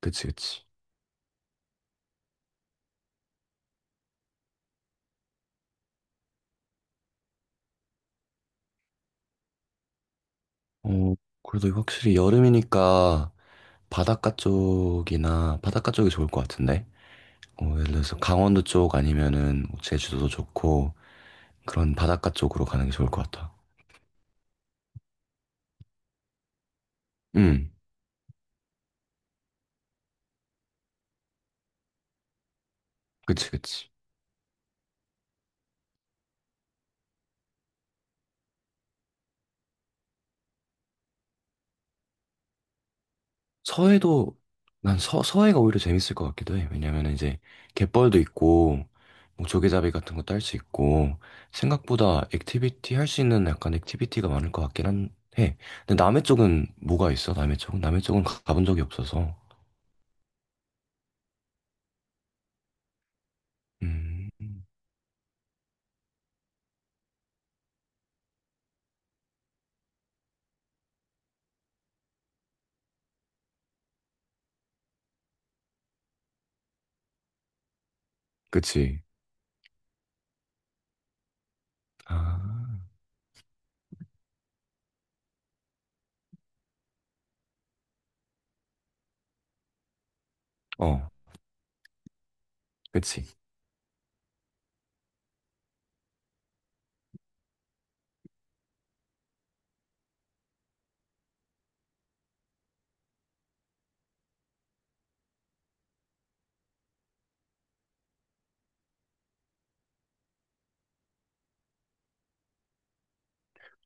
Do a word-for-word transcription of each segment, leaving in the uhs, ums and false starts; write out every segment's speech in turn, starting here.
그치, 그치. 어, 그래도 확실히 여름이니까 바닷가 쪽이나 바닷가 쪽이 좋을 것 같은데. 어, 예를 들어서 강원도 쪽 아니면은 뭐 제주도도 좋고 그런 바닷가 쪽으로 가는 게 좋을 것 같아. 음, 그치, 그치. 서해도 난 서, 서해가 오히려 재밌을 것 같기도 해. 왜냐면 이제 갯벌도 있고 뭐 조개잡이 같은 것도 할 수 있고 생각보다 액티비티 할 수 있는 약간 액티비티가 많을 것 같긴 한 해. 근데 남해 쪽은 뭐가 있어? 남해 쪽은 남해 쪽은 가- 가본 적이 없어서. 음, 그치. 아, 어, 그치.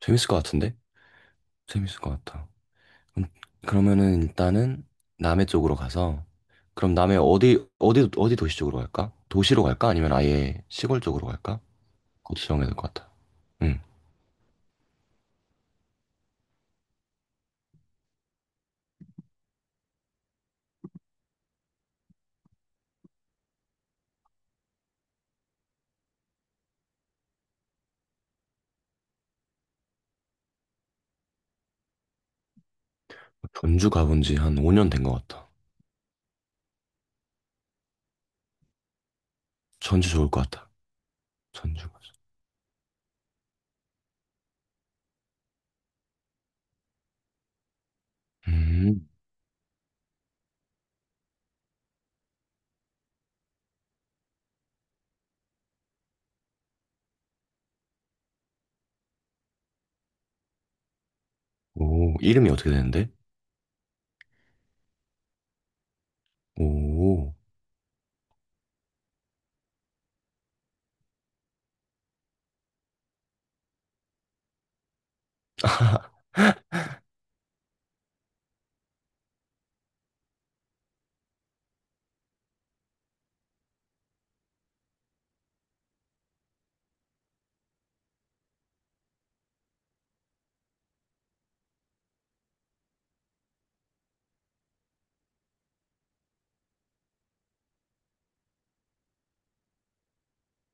재밌을 것 같은데? 재밌을 것 같아. 음, 그러면은 일단은 남해 쪽으로 가서 그럼 남해 어디 어디 어디 도시 쪽으로 갈까? 도시로 갈까? 아니면 아예 시골 쪽으로 갈까? 그것도 정해야 될 것 같아. 응. 전주 가본 지 한 오 년 된 것 같아. 전주 좋을 것 같아. 전주 가자. 음. 오, 이름이 어떻게 되는데? 오.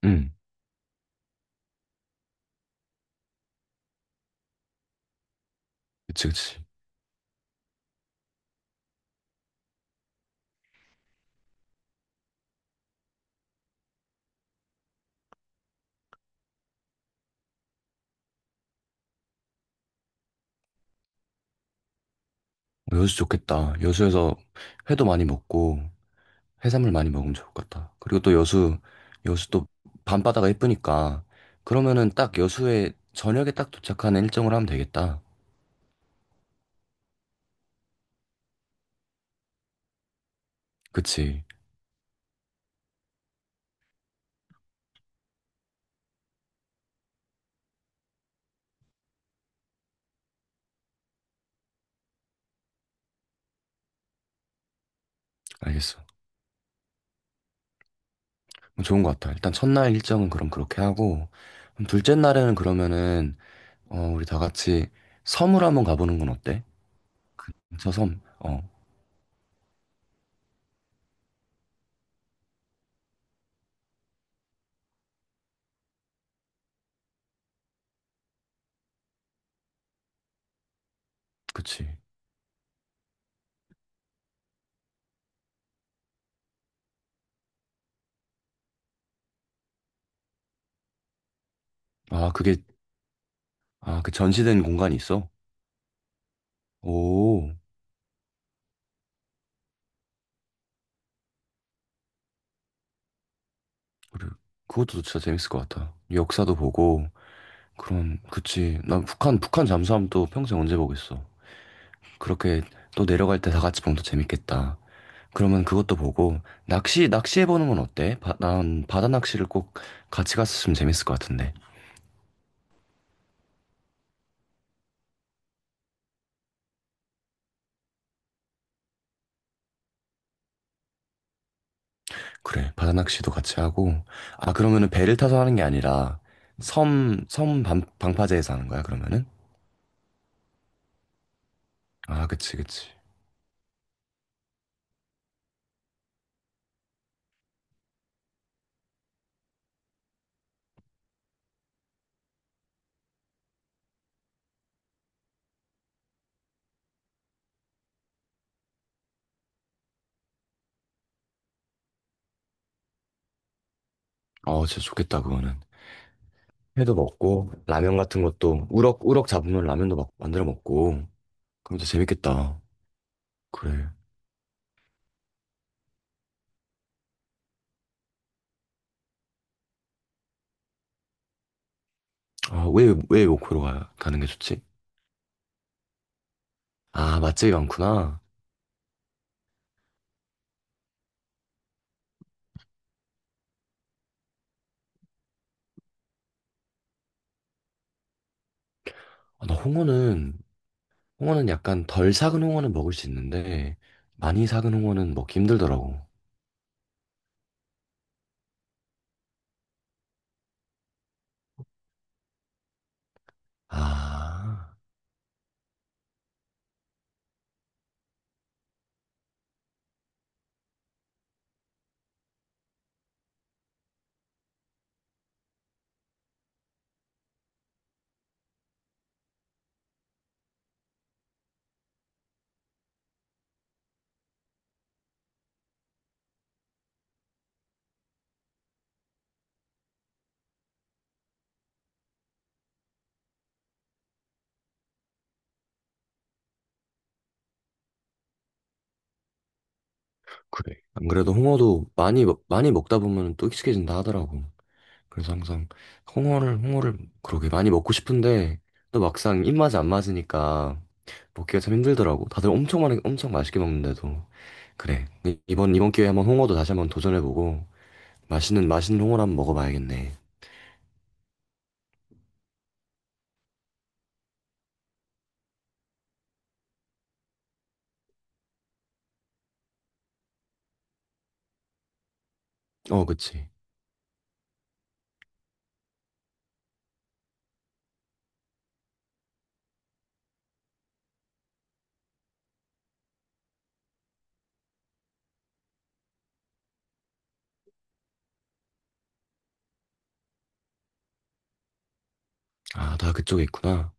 응. 그치, 그치. 여수 좋겠다. 여수에서 회도 많이 먹고 해산물 많이 먹으면 좋을 것 같다. 그리고 또 여수, 여수 또 밤바다가 예쁘니까 그러면은 딱 여수에 저녁에 딱 도착하는 일정을 하면 되겠다. 그치. 알겠어. 그럼 좋은 것 같아. 일단 첫날 일정은 그럼 그렇게 하고 그럼 둘째 날에는 그러면은 어, 우리 다 같이 섬을 한번 가보는 건 어때? 저 섬. 어, 그치. 아, 그게 아, 그 전시된 공간이 있어? 오, 그래. 그것도 진짜 재밌을 것 같아. 역사도 보고 그럼 그치. 난 북한 북한 잠수함 또 평생 언제 보겠어. 그렇게 또 내려갈 때 다 같이 보면 더 재밌겠다. 그러면 그것도 보고 낚시 낚시 해보는 건 어때? 바, 난 바다 낚시를 꼭 같이 갔으면 재밌을 것 같은데. 그래, 바다 낚시도 같이 하고. 아 그러면은 배를 타서 하는 게 아니라 섬 섬 방파제에서 하는 거야 그러면은? 아 그치 그치. 어 진짜 좋겠다 그거는. 회도 먹고 라면 같은 것도 우럭 우럭 잡으면 라면도 막 만들어 먹고. 그럼 진짜 재밌겠다. 그래. 아, 왜, 왜 목포로 가, 가는 게 좋지? 아, 맛집이 많구나. 아, 나 홍어는, 홍어는 약간 덜 삭은 홍어는 먹을 수 있는데, 많이 삭은 홍어는 먹기 힘들더라고. 아, 그래. 안 그래도 홍어도 많이, 먹- 많이 먹다 보면 또 익숙해진다 하더라고. 그래서 항상 홍어를, 홍어를 그렇게 많이 먹고 싶은데, 또 막상 입맛이 안 맞으니까 먹기가 참 힘들더라고. 다들 엄청 많이, 엄청 맛있게 먹는데도. 그래. 이- 이번, 이번 기회에 한번 홍어도 다시 한번 도전해보고, 맛있는 맛있는 홍어를 한번 먹어봐야겠네. 어, 그치. 아, 다 그쪽에 있구나.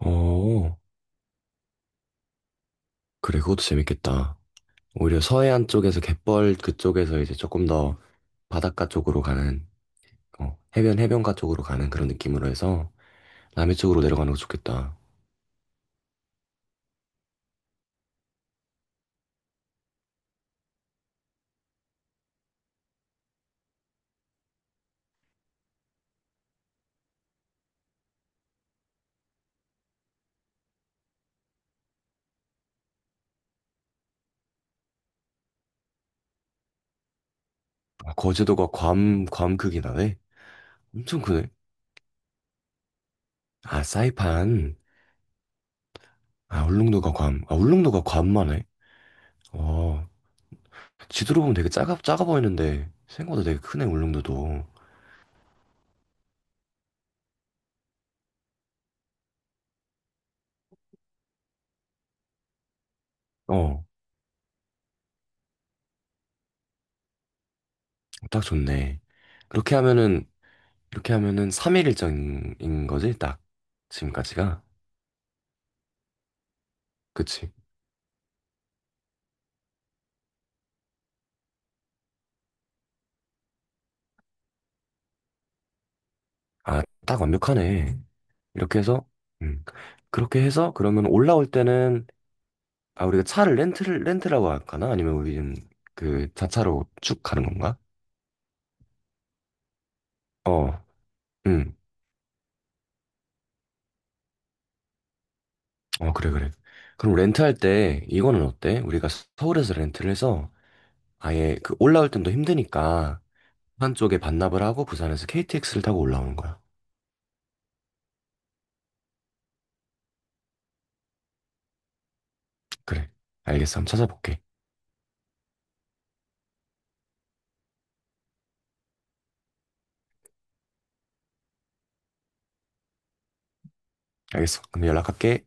어, 그래, 그것도 재밌겠다. 오히려 서해안 쪽에서 갯벌 그쪽에서 이제 조금 더 바닷가 쪽으로 가는, 어, 해변, 해변가 쪽으로 가는 그런 느낌으로 해서 남해 쪽으로 내려가는 거 좋겠다. 아, 거제도가 괌, 괌 크기나 네 엄청 크네. 아, 사이판. 아, 울릉도가 괌. 아, 울릉도가 괌만 해. 어, 지도로 보면 되게 작아, 작아 보이는데 생각보다 되게 크네, 울릉도도. 어. 딱 좋네. 이렇게 하면은, 이렇게 하면은 삼 일 일정인 거지? 딱. 지금까지가. 그치. 아, 딱 완벽하네. 이렇게 해서, 음. 그렇게 해서, 그러면 올라올 때는, 아, 우리가 차를 렌트를, 렌트라고 할까나? 아니면 우리는 그 자차로 쭉 가는 건가? 어, 음. 어, 그래, 그래. 그럼 렌트할 때, 이거는 어때? 우리가 서울에서 렌트를 해서, 아예 그 올라올 땐 더 힘드니까, 부산 쪽에 반납을 하고, 부산에서 케이티엑스를 타고 올라오는 거야. 그래. 알겠어. 한번 찾아볼게. 알겠어. 그럼 연락할게.